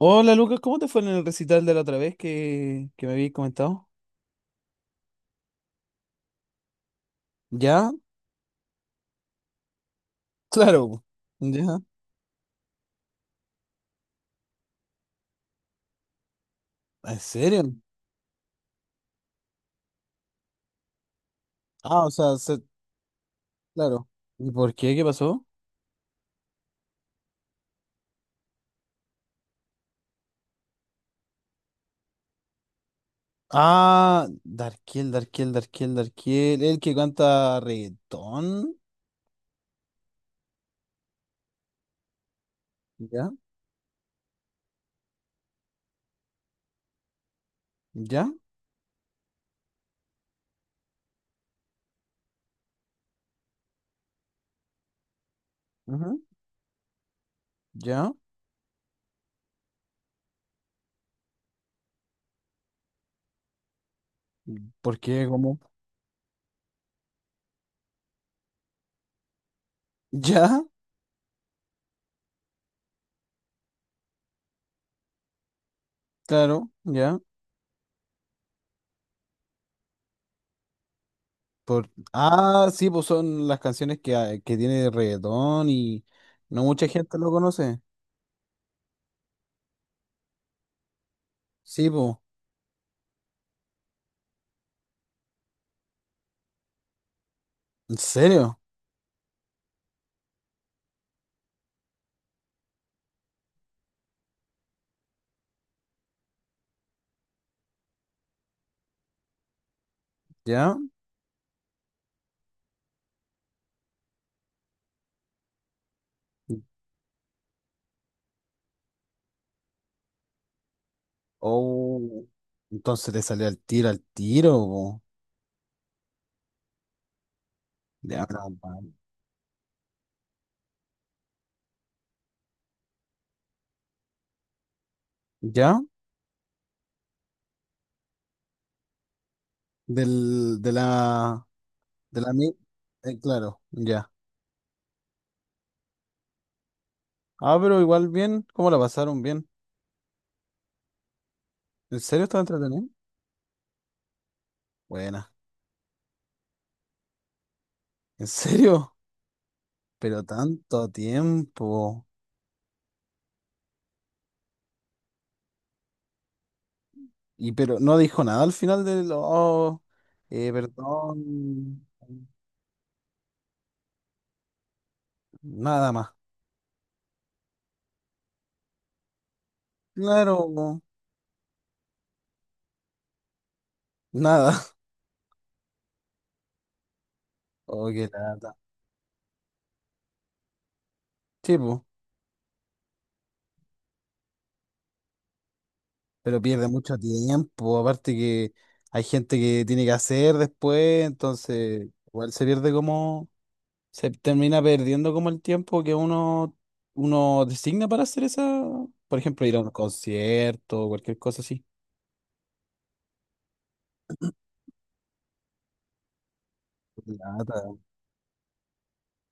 Hola Lucas, ¿cómo te fue en el recital de la otra vez que me habías comentado? ¿Ya? Claro, po. ¿Ya? ¿En serio? Ah, o sea, se- claro. ¿Y por qué? ¿Qué pasó? Ah, Darkiel, Darkiel, Darkiel, Darkiel, el que canta reggaetón. ¿Ya? ¿Ya? Ujú. ¿Ya? ¿Por qué? ¿Cómo? ¿Ya? Claro, ya. Por... Ah, sí, pues son las canciones que, hay- que tiene reggaetón y no mucha gente lo conoce. Sí, pues. ¿En serio? ¿Ya? Oh, entonces te salió al tiro, po. Ya, la madre. ¿Ya? Del, de la, mi- claro, ya. Ah, pero igual bien, ¿cómo la pasaron bien? ¿En serio estaba entretenido? Buena, ¿en serio? Pero tanto tiempo. Y pero no dijo nada al final del, oh, perdón, nada más. Claro, po, nada. Oh, qué lata. Sí, po, pero pierde mucho tiempo. Aparte que hay gente que tiene que hacer después, entonces igual se pierde como, se termina perdiendo como el tiempo que uno designa para hacer esa, por ejemplo, ir a un concierto o cualquier cosa así. Qué lata.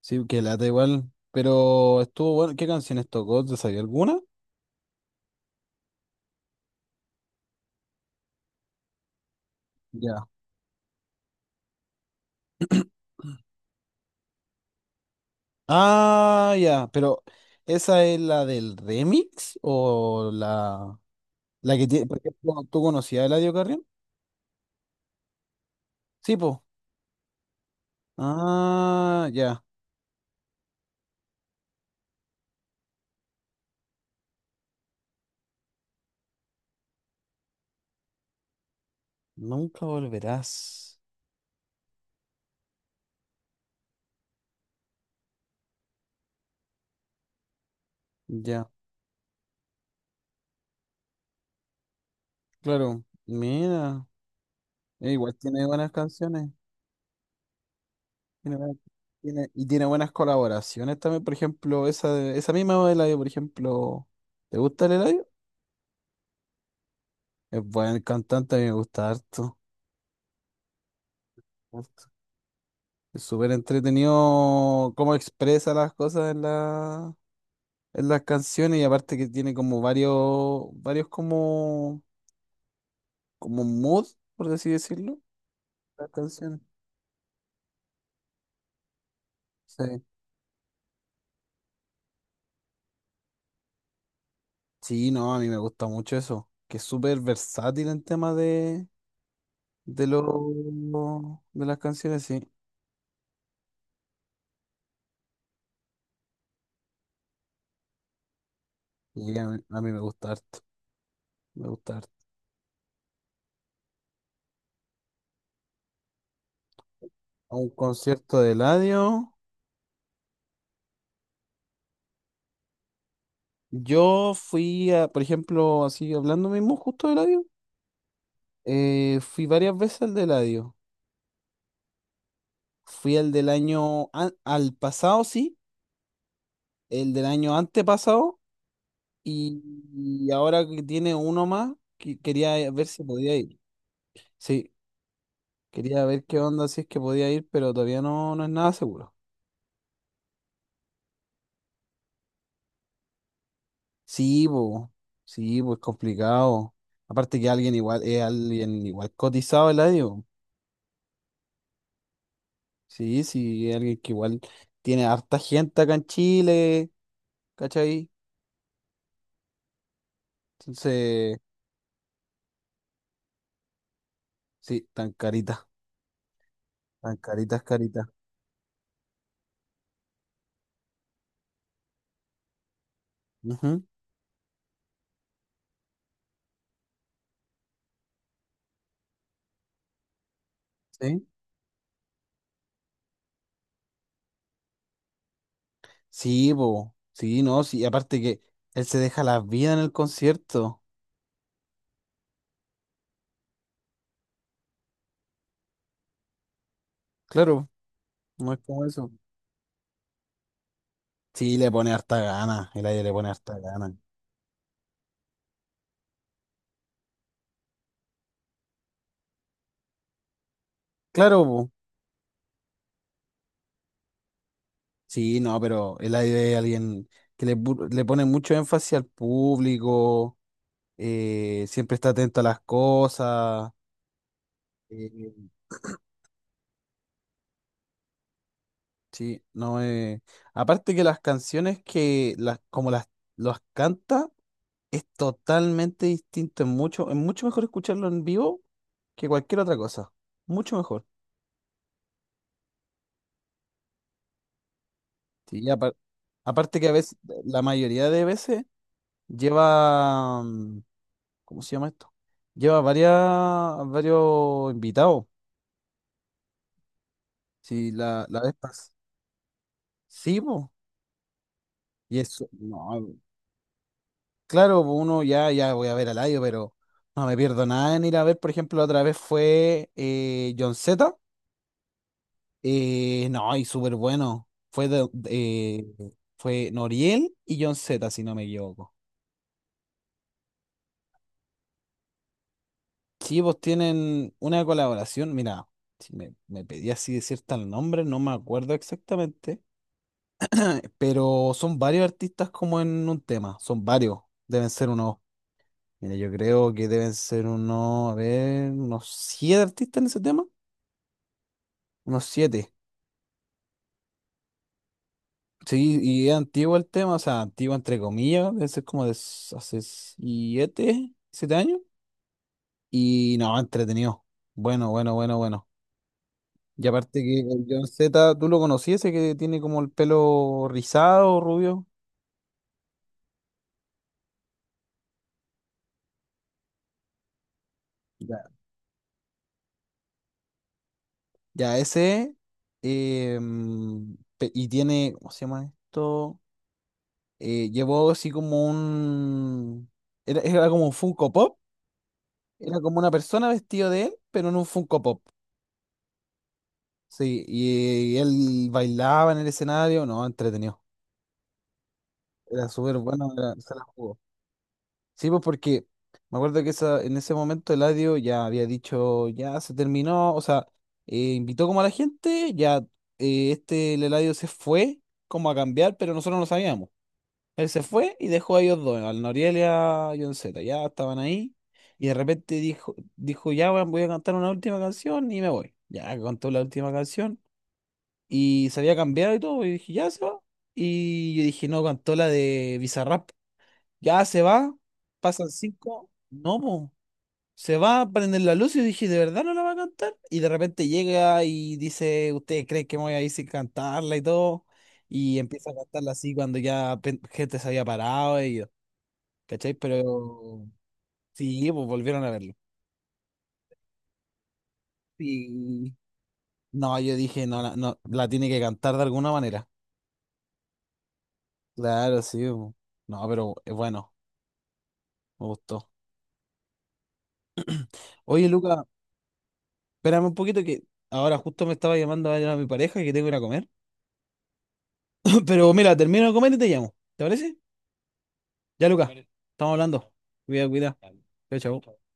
Sí, que lata igual. Pero estuvo bueno. ¿Qué canciones tocó? ¿Te sabía alguna? Ya. Ah, ya. Pero, ¿esa es la del remix? ¿O la que tiene, por ejemplo, tú conocías a Eladio Carrión? Sí, pues. Ah, ya, Nunca volverás. Ya, claro. Mira, igual tiene buenas canciones. Tiene buenas- tiene- y tiene buenas colaboraciones también. Por ejemplo, esa, de- esa misma de Eladio, por ejemplo. ¿Te gusta el Eladio? Es buen cantante, a mí me gusta harto. Harto. Es súper entretenido cómo expresa las cosas en las canciones. Y aparte que tiene como varios como mood, por así decirlo, las canciones. Sí. Sí, no, a mí me gusta mucho eso, que es súper versátil en tema de las canciones, sí. Y a mí me gusta harto, me gusta harto. A un concierto de Eladio, yo fui, por ejemplo, así hablando mismo justo de Eladio, fui varias veces al de Eladio. Fui al del año, an- al pasado, sí, el del año antepasado, y, y ahora que tiene uno más, que- quería ver si podía ir. Sí. Quería ver qué onda, si es que podía ir, pero todavía no es nada seguro. Sí, pues, sí, pues complicado. Aparte que alguien igual, es alguien igual cotizado el adio. Sí, sí, es alguien que igual tiene harta gente acá en Chile, ¿cachai? Entonces, sí, tan carita, tan caritas, caritas. Ujú, sí. Sí, pues, sí, no, sí, aparte que él se deja la vida en el concierto. Claro, no es como eso. Sí, le pone harta gana, el adio le pone harta gana. Claro, po. Sí, no, pero es la idea de alguien que le pone mucho énfasis al público, siempre está atento a las cosas. eh, sí, no. Aparte que las canciones que las, como las los canta es totalmente distinto. Es mucho mejor escucharlo en vivo que cualquier otra cosa. Mucho mejor. Sí, y apar- aparte que a veces, la mayoría de veces lleva. ¿Cómo se llama esto? Lleva varios invitados. Sí, la vez pas- Sí, po. Y eso, no, claro, po, uno ya voy a ver al Laio, pero no me pierdo nada en ir a ver. Por ejemplo, la otra vez fue John Z. No, y súper bueno. Fue Noriel y John Z, si no me equivoco. Sí, pues tienen una colaboración. Mira, si me, me pedí así decir tal nombre, no me acuerdo exactamente. Pero son varios artistas como en un tema, son varios, deben ser unos, mira, yo creo que deben ser unos, a ver, unos siete artistas en ese tema, unos siete. Sí, y es antiguo el tema, o sea, antiguo entre comillas, debe ser como de s- hace 7 años. Y no, entretenido. Bueno, bueno, bueno, bueno. Y aparte que el John Z, ¿tú lo conocías? Ese que tiene como el pelo rizado, rubio. Ya, ese. Pe- y tiene, ¿cómo se llama esto? Llevó así como un... era como un Funko Pop. Era como una persona vestida de él, pero en un Funko Pop. Sí, y él bailaba en el escenario. No, entretenido. Era súper bueno, era- se la jugó. Sí, pues porque me acuerdo que esa, en ese momento Eladio ya había dicho, ya se terminó, o sea, invitó como a la gente, ya el Eladio se fue como a cambiar, pero nosotros no sabíamos. Él se fue y dejó a ellos dos, al Noriel y a John Z, ya estaban ahí y de repente dijo ya weón, voy a cantar una última canción y me voy. Ya cantó la última canción y se había cambiado y todo, y dije, ya se va. Y yo dije, no, cantó la de Bizarrap. Ya se va, pasan cinco, no, po. Se va a prender la luz y yo dije, ¿de verdad no la va a cantar? Y de repente llega y dice, ¿ustedes creen que me voy a ir sin cantarla y todo? Y empieza a cantarla así cuando ya pe- gente se había parado y yo, ¿cachai? Pero sí, pues volvieron a verlo. Y no, yo dije, no, la- no, la tiene que cantar de alguna manera. Claro, sí, po. No, pero es bueno, me gustó. Oye, Luca, espérame un poquito que ahora justo me estaba llamando a mi pareja que tengo que ir a comer. Pero mira, termino de comer y te llamo. ¿Te parece? Ya, me Lucas parece. Estamos hablando. Cuida, cuida. Dale. Chao, chao.